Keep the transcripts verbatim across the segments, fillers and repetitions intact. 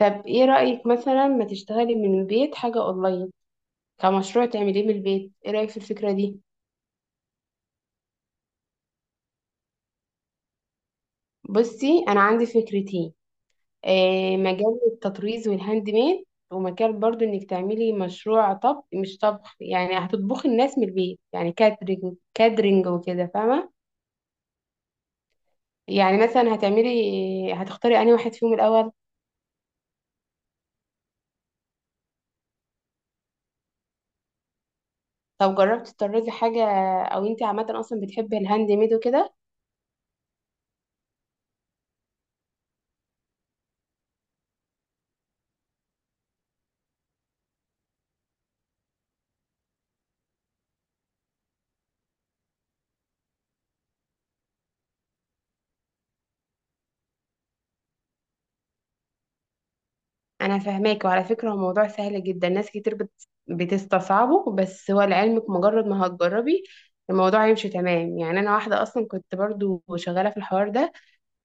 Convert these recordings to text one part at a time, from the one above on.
طب ايه رأيك مثلا ما تشتغلي من البيت حاجة اونلاين، كمشروع تعمليه من البيت؟ ايه رأيك في الفكرة دي؟ بصي انا عندي فكرتين. آه، مجال التطريز والهاند ميد، ومجال برضو انك تعملي مشروع طبخ. مش طبخ يعني هتطبخي، الناس من البيت يعني، كاترينج. كاترينج وكده فاهمة. يعني مثلا هتعملي، هتختاري انهي واحد فيهم الاول؟ طب جربتي تطرزي حاجة؟ او انت عامة اصلا بتحبي الهاند ميد وكده؟ انا فاهماك، وعلى فكره هو موضوع سهل جدا. ناس كتير بت- بتستصعبه، بس هو لعلمك مجرد ما هتجربي الموضوع هيمشي تمام. يعني انا واحده اصلا كنت برضو شغاله في الحوار ده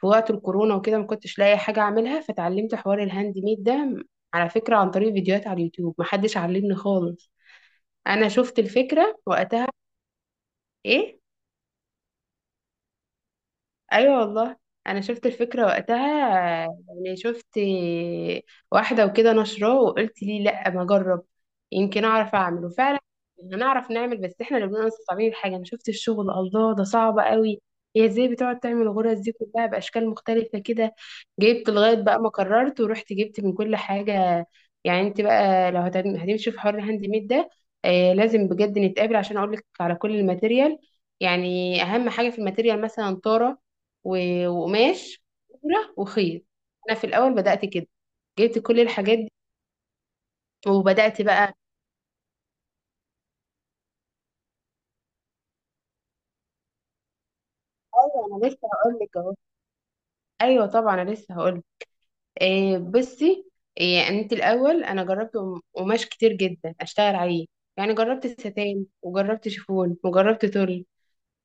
في وقت الكورونا وكده، ما كنتش لاقي حاجه اعملها فتعلمت حوار الهاند ميد ده على فكره عن طريق فيديوهات على اليوتيوب، محدش علمني خالص. انا شفت الفكره وقتها. ايه؟ ايوه والله، انا شفت الفكره وقتها. يعني شفت واحده وكده نشراه، وقلت ليه لا ما اجرب؟ يمكن اعرف اعمل، وفعلا هنعرف نعمل، بس احنا اللي بنبقى مصعبين الحاجه. انا شفت الشغل الله ده صعب قوي. هي ازاي بتقعد تعمل الغرز دي كلها باشكال مختلفه كده؟ جبت لغايه بقى ما قررت ورحت جبت من كل حاجه. يعني انت بقى لو هتم- هتمشي في حوار الهاند ميد ده، آه لازم بجد نتقابل عشان اقول لك على كل الماتيريال. يعني اهم حاجه في الماتيريال مثلا طاره و- وقماش وابره وخيط. انا في الاول بدات كده، جبت كل الحاجات دي وبدات بقى. ايوه انا لسه هقول لك اهو. ايوه طبعا انا لسه هقول لك. إيه بصي، إيه انت الاول، انا جربت قم- قماش كتير جدا اشتغل عليه، يعني جربت ستان وجربت شيفون وجربت تول.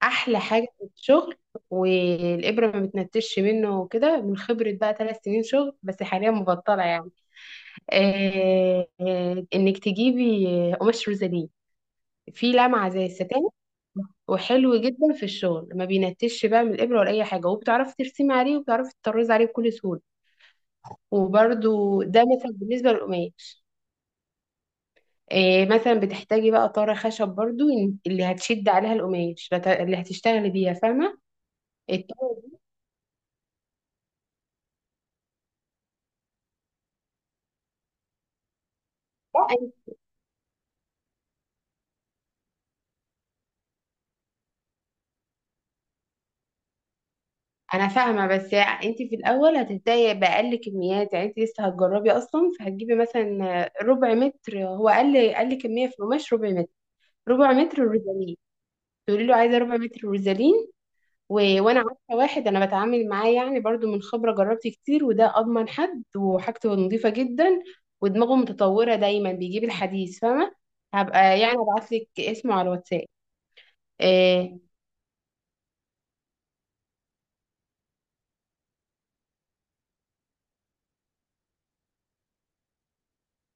احلى حاجه في الشغل والابره ما بتنتش منه وكده، من خبره بقى ثلاث سنين شغل، بس حاليا مبطله يعني. إيه إيه انك تجيبي قماش روزالين، في لمعة زي الستان وحلو جدا في الشغل، ما بينتش بقى من الإبرة ولا أي حاجة، وبتعرفي ترسمي عليه وبتعرفي تطرزي عليه بكل سهولة. وبرده ده مثلا بالنسبة للقماش. إيه مثلا بتحتاجي بقى طارة خشب برضو، إن- اللي هتشد عليها القماش، بت- اللي هتشتغلي بيها فاهمة، الطارة دي. بقى أنت- أنا فاهمة، بس أنت في الأول هتبدأي بأقل كميات، يعني أنت لسه هتجربي أصلا فهتجيبي مثلا ربع متر. هو أقل أقل كمية في القماش ربع متر. ربع متر روزالين، تقولي له عايزة ربع متر روزالين. و... وانا عارفه واحد انا بتعامل معاه يعني، برضو من خبره جربت كتير، وده اضمن حد وحاجته نظيفه جدا، ودماغه متطوره دايما بيجيب الحديث فاهمه. هبقى يعني ابعت لك اسمه على الواتساب. إيه.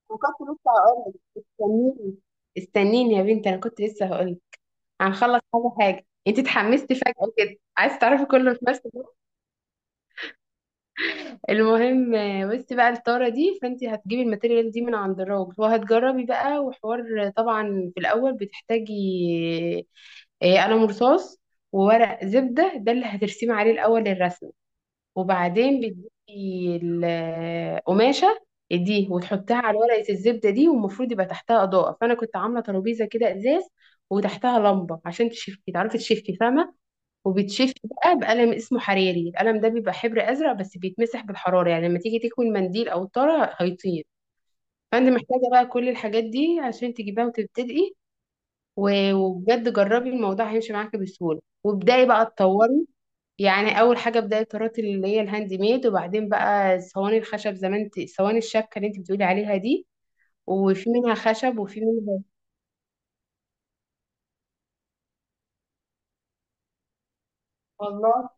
وكنت لسه هقول لك، استنيني، استنيني يا بنتي، انا كنت لسه هقول لك. هنخلص حاجه حاجه، انت اتحمستي فجاه كده عايز تعرفي كله في نفس. المهم آه، بصي بقى الطاره دي، فانت هتجيبي الماتيريال دي من عند الراجل وهتجربي بقى. وحوار طبعا في الاول بتحتاجي آه، قلم رصاص وورق زبده، ده اللي هترسمي عليه الاول الرسمه. وبعدين بتجيبي القماشه دي وتحطها على ورقه الزبده دي، والمفروض يبقى تحتها اضاءه، فانا كنت عامله ترابيزه كده ازاز وتحتها لمبه عشان تشفي، تعرفي تشفي فاهمه. وبيتشفي بقى بقلم اسمه حراري، القلم ده بيبقى حبر ازرق بس بيتمسح بالحراره، يعني لما تيجي تكوي المنديل او الطاره هيطير. فانت محتاجه بقى كل الحاجات دي عشان تجيبها وتبتدئي. و- وبجد جربي الموضوع هيمشي معاكي بسهوله، وابداي بقى تطوري. يعني اول حاجه ابداي الطرات اللي هي الهاند ميد، وبعدين بقى صواني الخشب زي ما انت، صواني الشبكه اللي انت بتقولي عليها دي، وفي منها خشب وفي منها. والله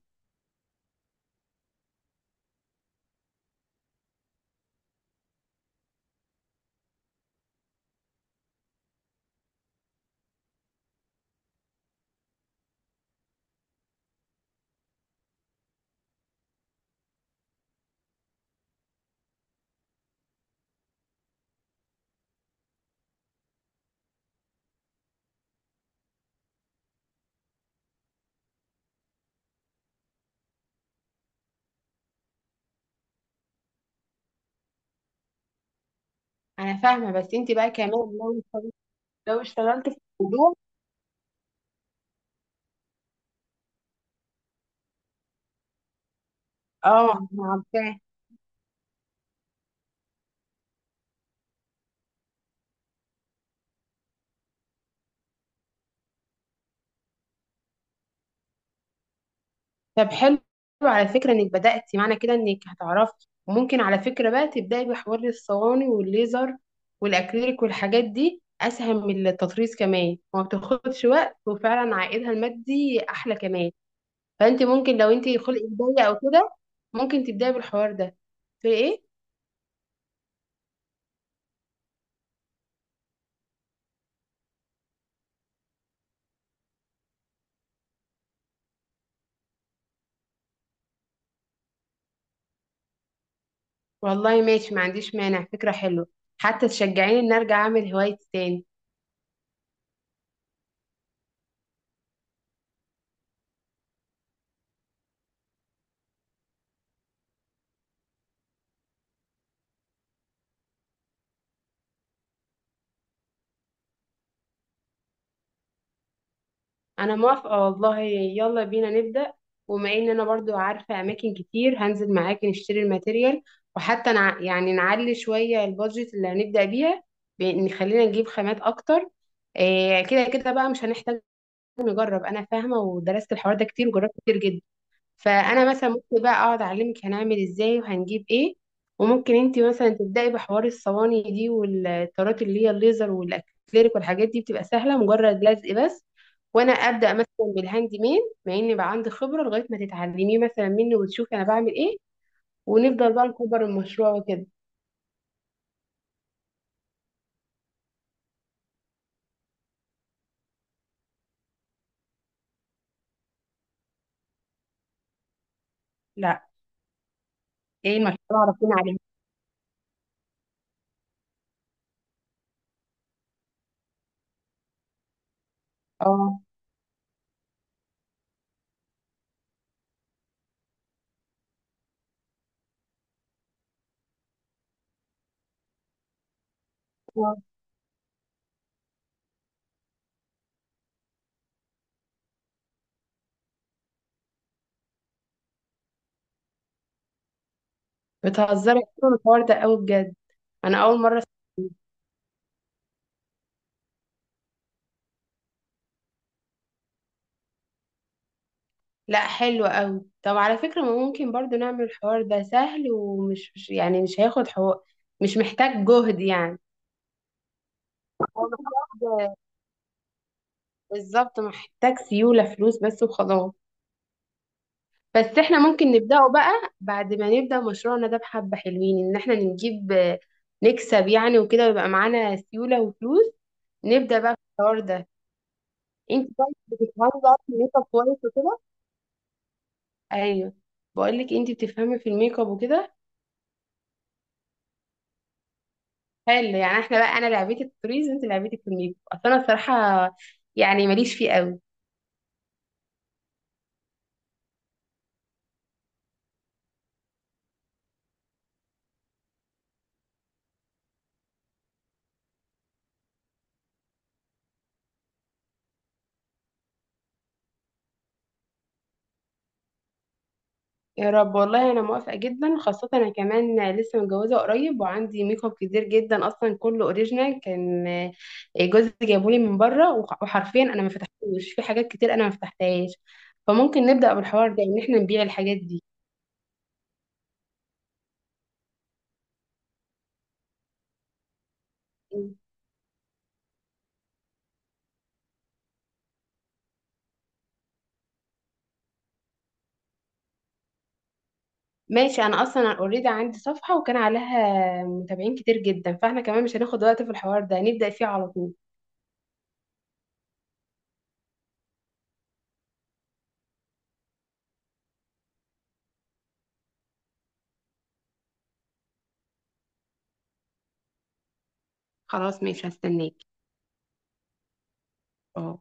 انا فاهمه، بس انت بقى كمان لو اشتغلت لو اشتغلت في الموضوع. اه عارفاه. طب حلو، على فكرة انك بدأتي معنى كده انك هتعرفي، وممكن على فكرة بقى تبدأي بحوار الصواني والليزر والاكريليك والحاجات دي، اسهل من التطريز كمان وما بتاخدش وقت، وفعلا عائدها المادي احلى كمان. فانت ممكن لو انت خلق بداية او كده، ممكن تبدأي بالحوار ده. في ايه؟ والله ماشي ما عنديش مانع، فكرة حلوة، حتى تشجعيني ان ارجع اعمل هوايتي تاني. انا موافقة والله، يلا بينا نبدأ. وما ان انا برضو عارفة اماكن كتير هنزل معاكي نشتري الماتيريال، وحتى نع... يعني نعلي شوية البادجت اللي هنبدأ بيها، بان خلينا نجيب خامات اكتر. إيه كده كده بقى، مش هنحتاج نجرب، انا فاهمة ودرست الحوار ده كتير وجربت كتير جدا. فانا مثلا ممكن بقى اقعد اعلمك هنعمل ازاي وهنجيب ايه، وممكن انت مثلا تبداي بحوار الصواني دي والطارات اللي هي الليزر والاكريليك، والحاجات دي بتبقى سهله مجرد لزق بس. وانا ابدا مثلا بالهاند ميد مع اني بقى عندي خبره، لغايه ما تتعلميه مثلا مني وتشوفي انا بعمل ايه، ونفضل بقى نكبر المشروع وكده. لا، ايه المشروع؟ عرفنا عليه. اه. آه. بتهزري أصلاً، الحوار ده قوي بجد، انا اول مره أسمع. لا حلو قوي، طب على فكرة ما ممكن برضو نعمل الحوار ده سهل، ومش مش- يعني مش هياخد حوار، مش محتاج جهد يعني. هو محتاج، بالظبط محتاج سيولة فلوس بس وخلاص. بس احنا ممكن نبدأه بقى بعد ما نبدأ مشروعنا ده بحبة حلوين، ان احنا نجيب نكسب يعني وكده، ويبقى معانا سيولة وفلوس نبدأ بقى في الحوار ده. انت طيب بتفهمي بقى في الميك اب كويس وكده؟ ايوه، بقول لك انت بتفهمي في الميك اب وكده. حلو، يعني احنا بقى انا لعبتي التوريز وانت لعبتي الكوميدي، اصل انا الصراحه يعني ماليش فيه قوي. يا رب والله، انا موافقه جدا، خاصه انا كمان لسه متجوزه قريب وعندي ميك اب كتير جدا اصلا، كله اوريجينال كان، جوزي جابولي من بره، وح- وحرفيا انا ما فتحتوش، في حاجات كتير انا ما فتحتهاش. فممكن نبدا بالحوار ده ان احنا نبيع الحاجات دي. ماشي، انا اصلا اوريدي عندي صفحه وكان عليها متابعين كتير جدا، فاحنا كمان مش هناخد وقت في الحوار ده، نبدا فيه على طول. خلاص ماشي هستناك. اه